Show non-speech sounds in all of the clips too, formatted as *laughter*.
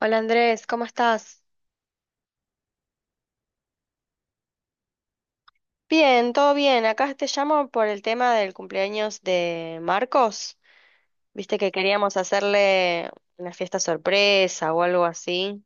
Hola Andrés, ¿cómo estás? Bien, todo bien. Acá te llamo por el tema del cumpleaños de Marcos. Viste que queríamos hacerle una fiesta sorpresa o algo así.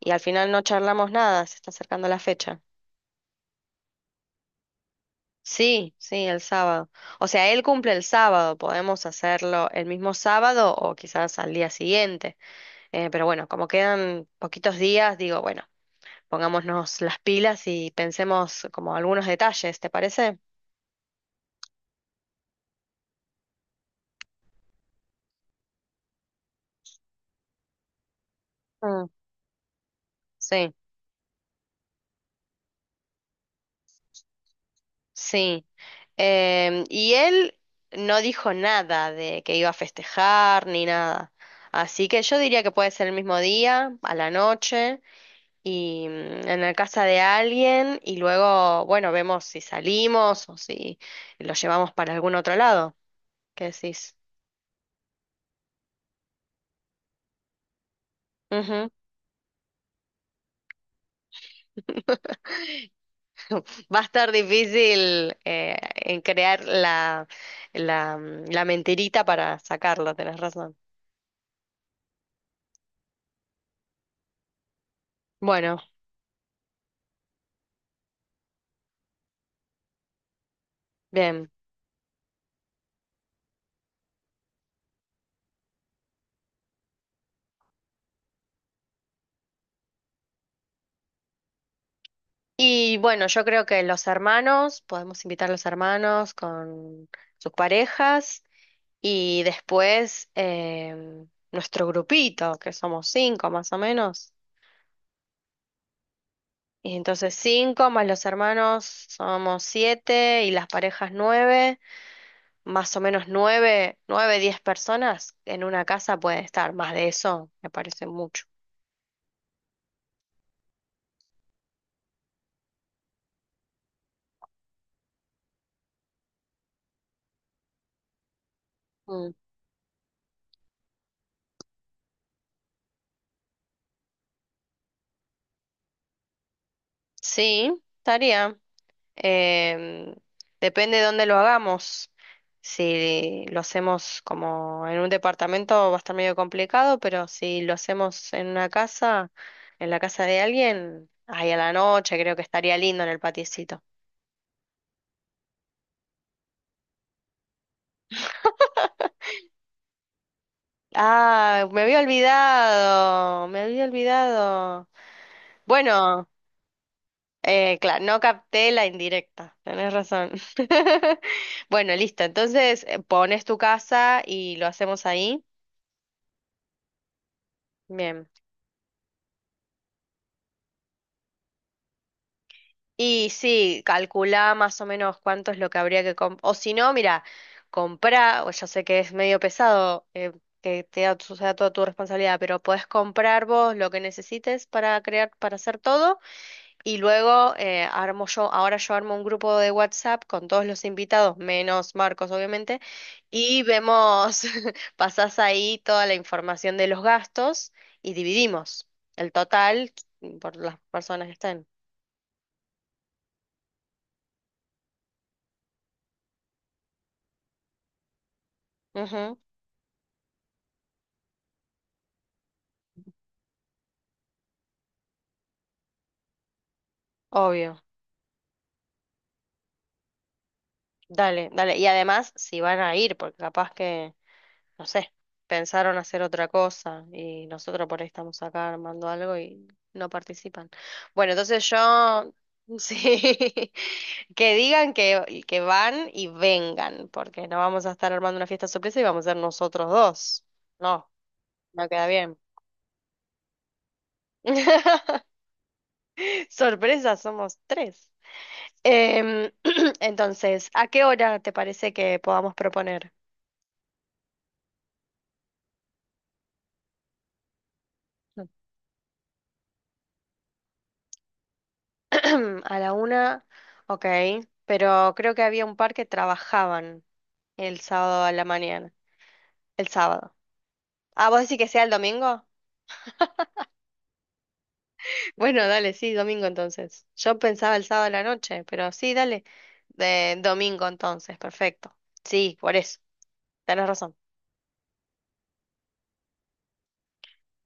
Y al final no charlamos nada, se está acercando la fecha. Sí, sí, el sábado. O sea, él cumple el sábado, podemos hacerlo el mismo sábado o quizás al día siguiente. Pero bueno, como quedan poquitos días, digo, bueno, pongámonos las pilas y pensemos como algunos detalles, ¿te parece? Mm, sí. Sí. Y él no dijo nada de que iba a festejar ni nada. Así que yo diría que puede ser el mismo día, a la noche, y en la casa de alguien, y luego, bueno, vemos si salimos o si lo llevamos para algún otro lado. ¿Qué decís? Ujú. *laughs* Va a estar difícil en crear la, la mentirita para sacarlo, tenés razón. Bueno, bien. Y bueno, yo creo que los hermanos, podemos invitar a los hermanos con sus parejas y después em, nuestro grupito, que somos cinco más o menos. Y entonces cinco más los hermanos somos siete y las parejas nueve, más o menos nueve, nueve, 10 personas en una casa pueden estar, más de eso me parece mucho. Mm. Sí, estaría. Em, Depende de dónde lo hagamos. Si lo hacemos como en un departamento va a estar medio complicado, pero si lo hacemos en una casa, en la casa de alguien, ahí a la noche creo que estaría lindo en el patiecito. Ah, me había olvidado, me había olvidado. Bueno, claro, no capté la indirecta, tenés razón. *laughs* Bueno, listo, entonces pones tu casa y lo hacemos ahí. Bien. Y sí, calculá más o menos cuánto es lo que habría que comprar. O si no, mira, comprá, o ya sé que es medio pesado que te da sea toda tu responsabilidad, pero podés comprar vos lo que necesites para crear, para hacer todo. Y luego armo yo, ahora yo armo un grupo de WhatsApp con todos los invitados, menos Marcos, obviamente, y vemos, *laughs* pasás ahí toda la información de los gastos y dividimos el total por las personas que estén. Ujú, obvio. Dale, dale. Y además, si van a ir, porque capaz que, no sé, pensaron hacer otra cosa y nosotros por ahí estamos acá armando algo y no participan. Bueno, entonces yo, *laughs* sí, que digan que van y vengan, porque no vamos a estar armando una fiesta sorpresa y vamos a ser nosotros dos. No, no queda bien. *laughs* Sorpresa, somos tres. Em, *clears throat* entonces, ¿a qué hora te parece que podamos proponer? *clears throat* A la una, ok, pero creo que había un par que trabajaban el sábado a la mañana, el sábado. Ah, ¿vos decís que sea el domingo? Bueno, dale, sí, domingo entonces. Yo pensaba el sábado a la noche, pero sí, dale, de domingo entonces, perfecto. Sí, por eso, tenés razón.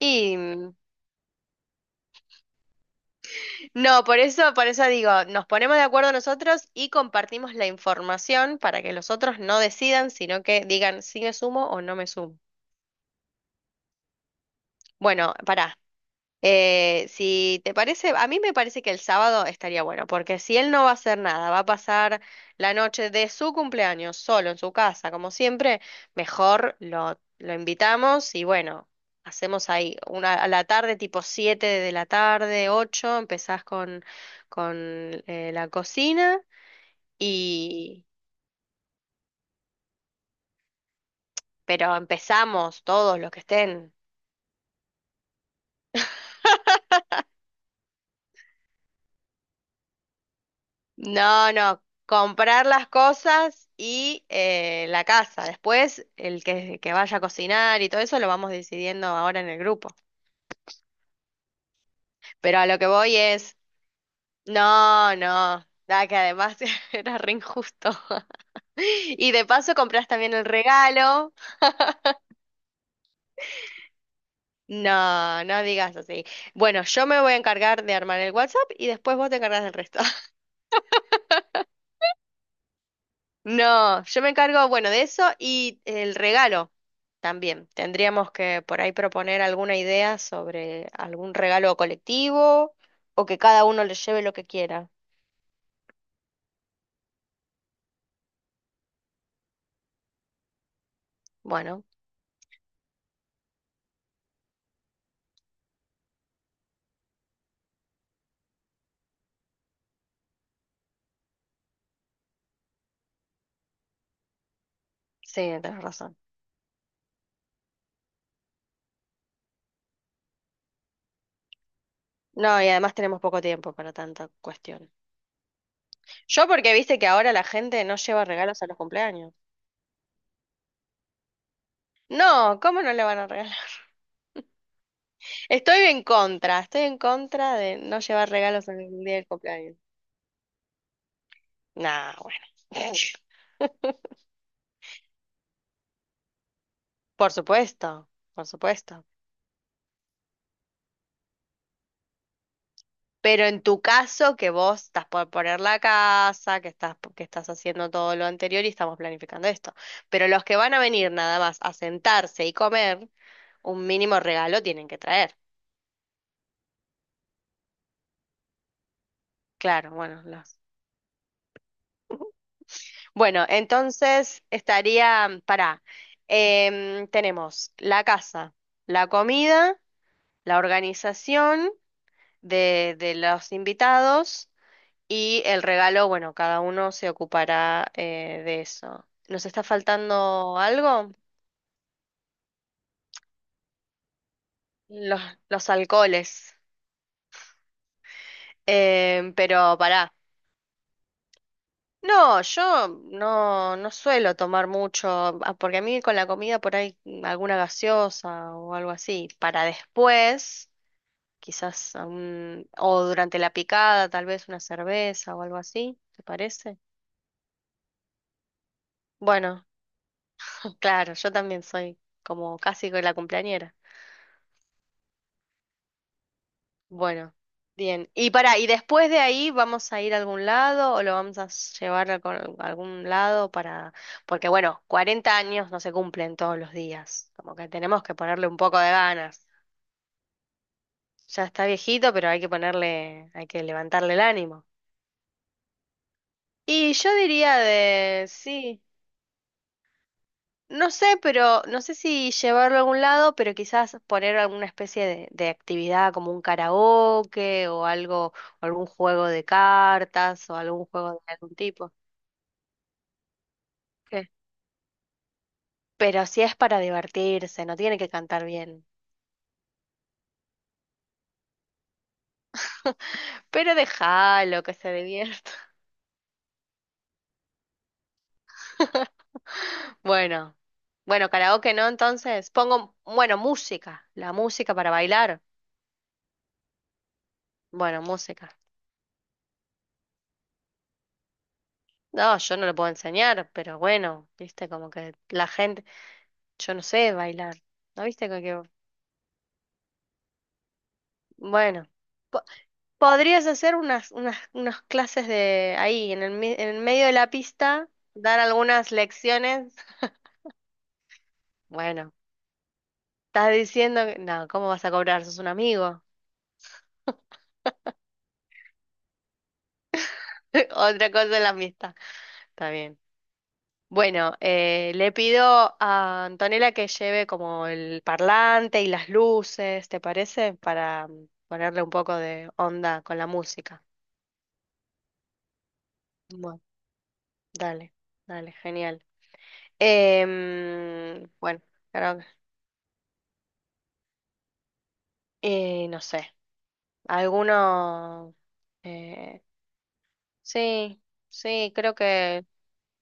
Y mm, no, por eso digo, nos ponemos de acuerdo nosotros y compartimos la información para que los otros no decidan, sino que digan si me sumo o no me sumo. Bueno, pará. Si te parece, a mí me parece que el sábado estaría bueno, porque si él no va a hacer nada, va a pasar la noche de su cumpleaños solo en su casa, como siempre, mejor lo invitamos y bueno, hacemos ahí una a la tarde, tipo 7 de la tarde, 8 empezás con la cocina y... Pero empezamos todos los que estén. No, no, comprar las cosas y la casa. Después, el que vaya a cocinar y todo eso lo vamos decidiendo ahora en el grupo. Pero a lo que voy es, no, no, da que además *laughs* era re injusto. *laughs* Y de paso compras también el regalo. No, no digas así. Bueno, yo me voy a encargar de armar el WhatsApp y después vos te encargas del resto. No, yo me encargo, bueno, de eso y el regalo también. Tendríamos que por ahí proponer alguna idea sobre algún regalo colectivo o que cada uno le lleve lo que quiera. Bueno, sí, tenés razón. No, y además tenemos poco tiempo para tanta cuestión. Yo porque viste que ahora la gente no lleva regalos a los cumpleaños. No, ¿cómo no le van a regalar? *laughs* Estoy en contra de no llevar regalos en el día del cumpleaños. Nah, bueno. *laughs* Por supuesto, por supuesto. Pero en tu caso, que vos estás por poner la casa, que estás haciendo todo lo anterior y estamos planificando esto. Pero los que van a venir nada más a sentarse y comer, un mínimo regalo tienen que traer. Claro, bueno, los. Bueno, entonces estaría, para tenemos la casa, la comida, la organización de los invitados. Y el regalo, bueno, cada uno se ocupará de eso. ¿Nos está faltando algo? Los, los alcoholes. Pero pará. No, yo no suelo tomar mucho. Porque a mí con la comida por ahí alguna gaseosa o algo así, para después, quizás, o durante la picada, tal vez una cerveza o algo así, ¿te parece? Bueno, *laughs* claro, yo también soy como casi con la cumpleañera. Bueno, bien. Y para, ¿y después de ahí vamos a ir a algún lado o lo vamos a llevar a algún lado para... Porque bueno, 40 años no se cumplen todos los días. Como que tenemos que ponerle un poco de ganas. Ya está viejito, pero hay que ponerle, hay que levantarle el ánimo. Y yo diría de, sí. No sé, pero no sé si llevarlo a algún lado, pero quizás poner alguna especie de actividad como un karaoke o algo, o algún juego de cartas o algún juego de algún tipo. ¿Qué? Pero si es para divertirse, no tiene que cantar bien. *laughs* Pero déjalo que se divierta. *laughs* Bueno, bueno, karaoke no, entonces pongo, bueno, música, la música para bailar. Bueno, música. No, yo no lo puedo enseñar, pero bueno, viste, como que la gente. Yo no sé bailar. ¿No viste? Bueno, po- podrías hacer unas clases de ahí, en el medio de la pista, dar algunas lecciones. *laughs* Bueno, estás diciendo que, no, ¿cómo vas a cobrar? Sos un amigo. *laughs* Otra cosa es la amistad. Está bien. Bueno, le pido a Antonella que lleve como el parlante y las luces, ¿te parece? Para ponerle un poco de onda con la música. Bueno, dale, dale, genial. Bueno, creo que... no sé, alguno... eh, sí, sí, creo que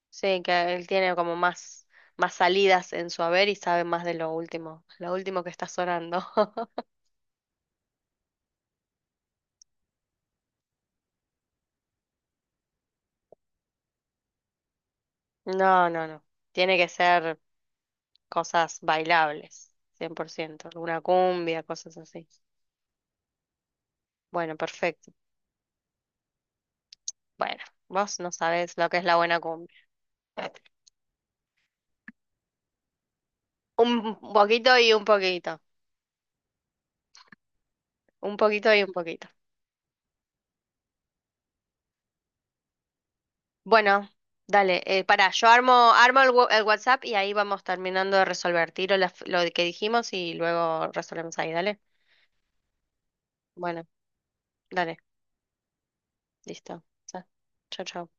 sí, que él tiene como más salidas en su haber y sabe más de lo último que está sonando. *laughs* No, no, no. Tiene que ser cosas bailables, 100% alguna cumbia, cosas así. Bueno, perfecto. Bueno, vos no sabés lo que es la buena cumbia. Un poquito y un poquito. Un poquito y un poquito. Bueno, dale, pará, yo armo el WhatsApp y ahí vamos terminando de resolver. Tiro lo que dijimos y luego resolvemos ahí, dale. Bueno, dale, listo. Chao, chao.